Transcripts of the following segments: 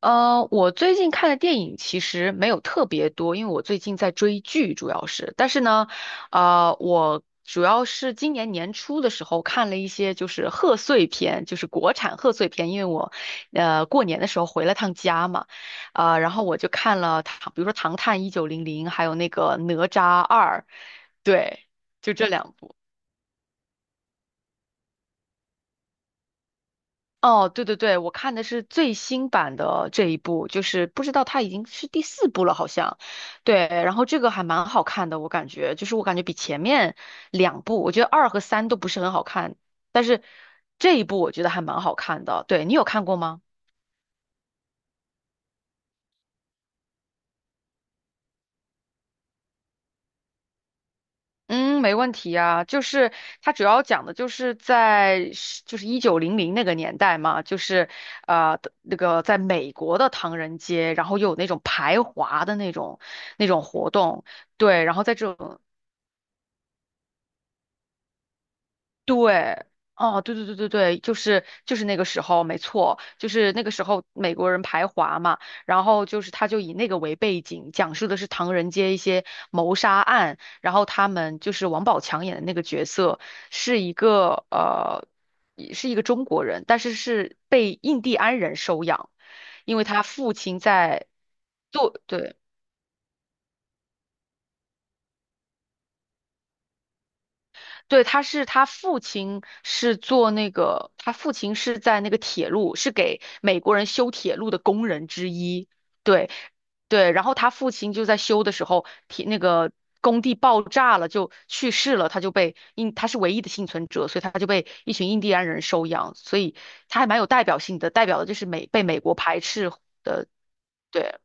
我最近看的电影其实没有特别多，因为我最近在追剧，主要是。但是呢，我主要是今年年初的时候看了一些就是贺岁片，就是国产贺岁片，因为我过年的时候回了趟家嘛。啊、然后我就看了唐，比如说《唐探一九零零》，还有那个《哪吒二》，对，就这两部。哦，对对对，我看的是最新版的这一部，就是不知道它已经是第四部了，好像。对，然后这个还蛮好看的，我感觉，就是我感觉比前面两部，我觉得二和三都不是很好看，但是这一部我觉得还蛮好看的。对，你有看过吗？嗯，没问题啊，就是它主要讲的就是在是就是一九零零那个年代嘛，就是那个在美国的唐人街，然后又有那种排华的那种活动，对，然后在这种，对，哦，对对对对对，就是那个时候，没错，就是那个时候美国人排华嘛。然后就是他就以那个为背景，讲述的是唐人街一些谋杀案，然后他们就是王宝强演的那个角色是一个呃也是一个中国人，但是是被印第安人收养，因为他父亲在做，对。对，他父亲是做那个，他父亲是在那个铁路，是给美国人修铁路的工人之一。对对，然后他父亲就在修的时候，那个工地爆炸了，就去世了，他就被印，他是唯一的幸存者，所以他就被一群印第安人收养，所以他还蛮有代表性的，代表的就是被美国排斥。对。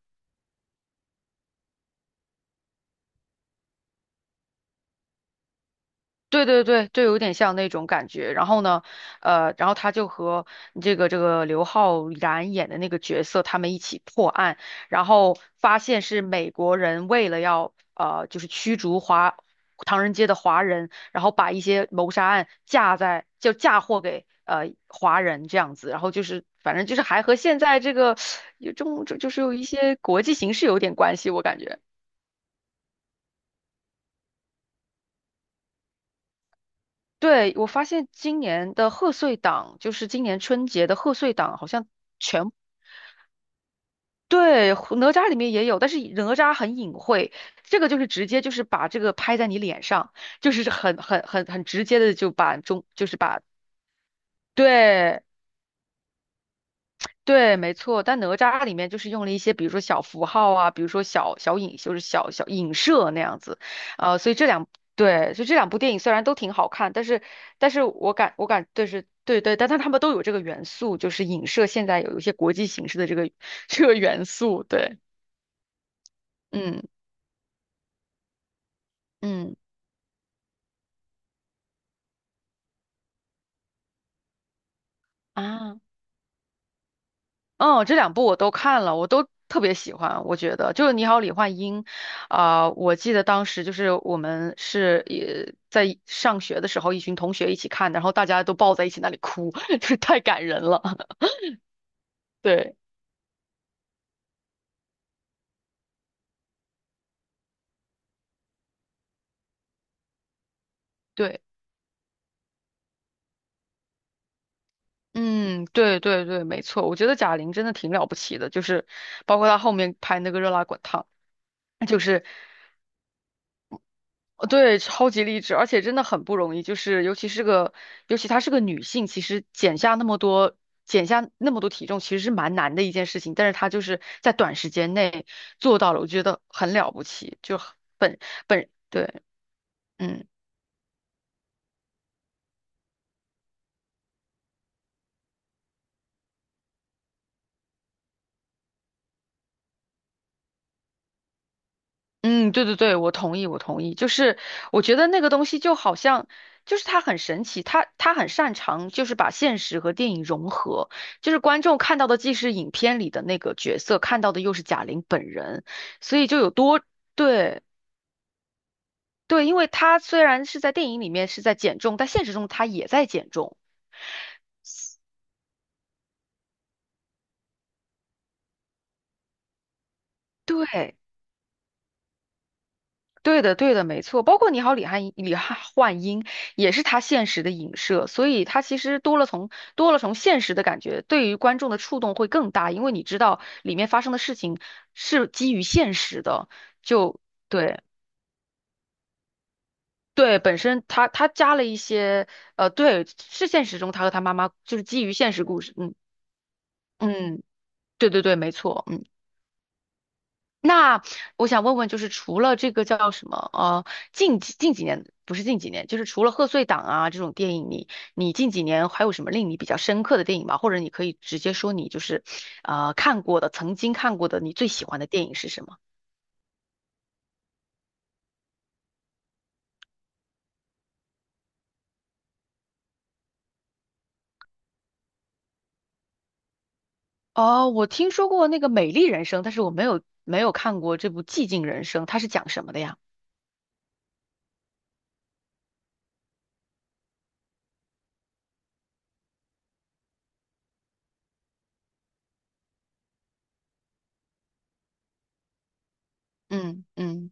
对对对，就有点像那种感觉。然后呢，然后他就和这个刘昊然演的那个角色，他们一起破案，然后发现是美国人为了就是驱逐唐人街的华人，然后把一些谋杀案嫁在就嫁祸给华人这样子，然后就是反正就是还和现在这个有中就就是有一些国际形势有点关系，我感觉。对，我发现今年的贺岁档，就是今年春节的贺岁档，好像全，对，哪吒里面也有，但是哪吒很隐晦，这个就是直接就是把这个拍在你脸上，就是很直接的就把中，就是把，对。对，没错，但哪吒里面就是用了一些，比如说小符号啊，比如说小小影，就是小小影射那样子，所以这两对，所以这两部电影虽然都挺好看，但是我感我感对是对对，但他们都有这个元素，就是影射现在有一些国际形势的这个 这个元素，对，嗯嗯啊。嗯，这两部我都看了，我都特别喜欢。我觉得就是《你好，李焕英》啊、我记得当时就是我们也在上学的时候，一群同学一起看的，然后大家都抱在一起那里哭，就是太感人了。对对，嗯，对对对，没错。我觉得贾玲真的挺了不起的，就是包括她后面拍那个《热辣滚烫》，就是。对，超级励志，而且真的很不容易，就是尤其她是个女性，其实减下那么多，体重，其实是蛮难的一件事情，但是她就是在短时间内做到了，我觉得很了不起，就很本本，对，嗯。嗯，对对对，我同意，我同意。就是我觉得那个东西就好像，就是它很神奇，它很擅长就是把现实和电影融合，就是观众看到的既是影片里的那个角色，看到的又是贾玲本人，所以就有多，对对，因为她虽然是在电影里面是在减重，但现实中她也在减重。对对的，对的，没错。包括你好，李汉焕英也是他现实的影射，所以他其实多了从现实的感觉，对于观众的触动会更大，因为你知道里面发生的事情是基于现实的。就对对，本身他加了一些对，是现实中他和他妈妈就是基于现实故事。嗯嗯，对对对，没错，嗯。那我想问问，就是除了这个叫什么，近几年不是近几年，就是除了贺岁档啊这种电影，你近几年还有什么令你比较深刻的电影吗？或者你可以直接说你就是，看过的，曾经看过的，你最喜欢的电影是什么？哦，我听说过那个《美丽人生》，但是我没有看过这部《寂静人生》，它是讲什么的呀？嗯嗯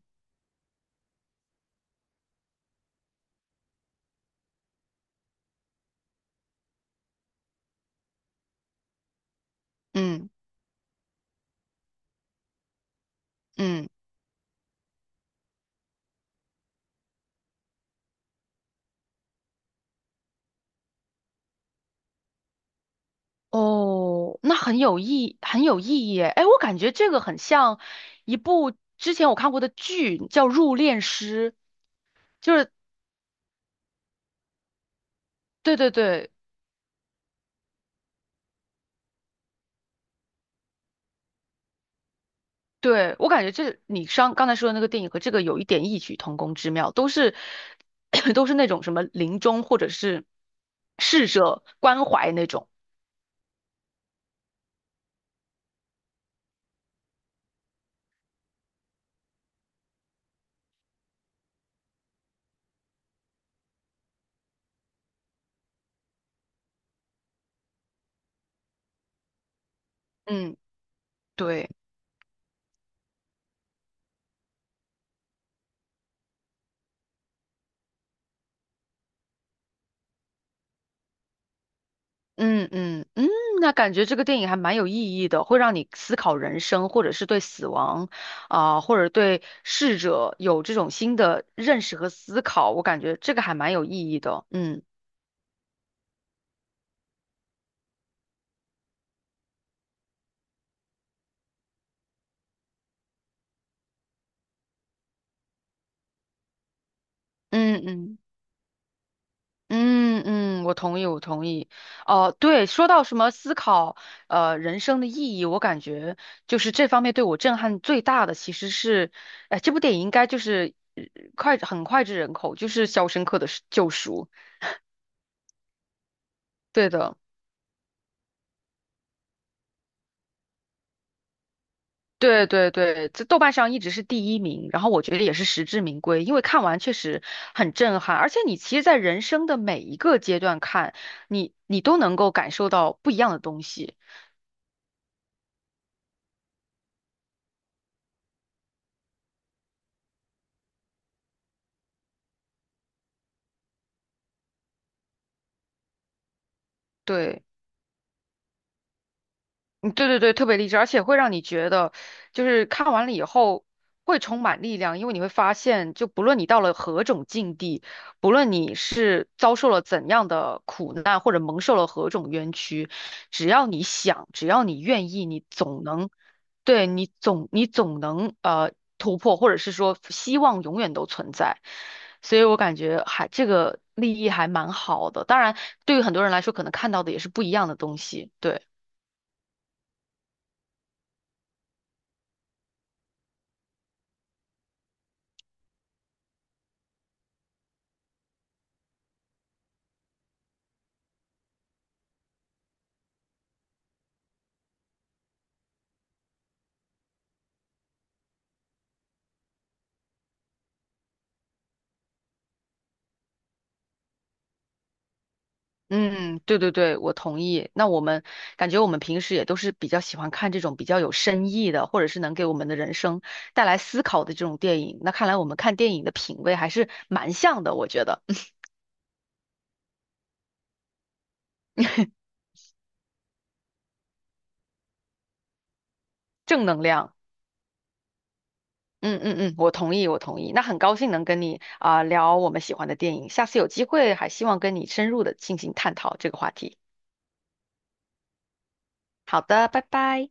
嗯嗯。哦，那很有意义耶。哎，我感觉这个很像一部之前我看过的剧，叫《入殓师》，就是对对对对，我感觉这你上刚才说的那个电影和这个有一点异曲同工之妙，都是 都是那种什么临终或者是逝者关怀那种。嗯，对。嗯嗯嗯，那感觉这个电影还蛮有意义的，会让你思考人生，或者是对死亡，啊、或者对逝者有这种新的认识和思考。我感觉这个还蛮有意义的。嗯嗯嗯嗯嗯，我同意，我同意。哦、对，说到什么思考，人生的意义，我感觉就是这方面对我震撼最大的，其实是，哎、这部电影应该就是很脍炙人口，就是《肖申克的救赎》。对的。对对对，这豆瓣上一直是第一名，然后我觉得也是实至名归，因为看完确实很震撼，而且你其实，在人生的每一个阶段看，你都能够感受到不一样的东西。对。嗯，对对对，特别励志，而且会让你觉得，就是看完了以后会充满力量，因为你会发现，就不论你到了何种境地，不论你是遭受了怎样的苦难，或者蒙受了何种冤屈，只要你想，只要你愿意，你总能，对，你总能突破，或者是说希望永远都存在。所以我感觉还这个立意还蛮好的，当然对于很多人来说，可能看到的也是不一样的东西，对。嗯，对对对，我同意。那我们感觉我们平时也都是比较喜欢看这种比较有深意的，或者是能给我们的人生带来思考的这种电影。那看来我们看电影的品味还是蛮像的，我觉得 正能量。嗯嗯嗯，我同意，我同意。那很高兴能跟你啊、聊我们喜欢的电影，下次有机会还希望跟你深入的进行探讨这个话题。好的，拜拜。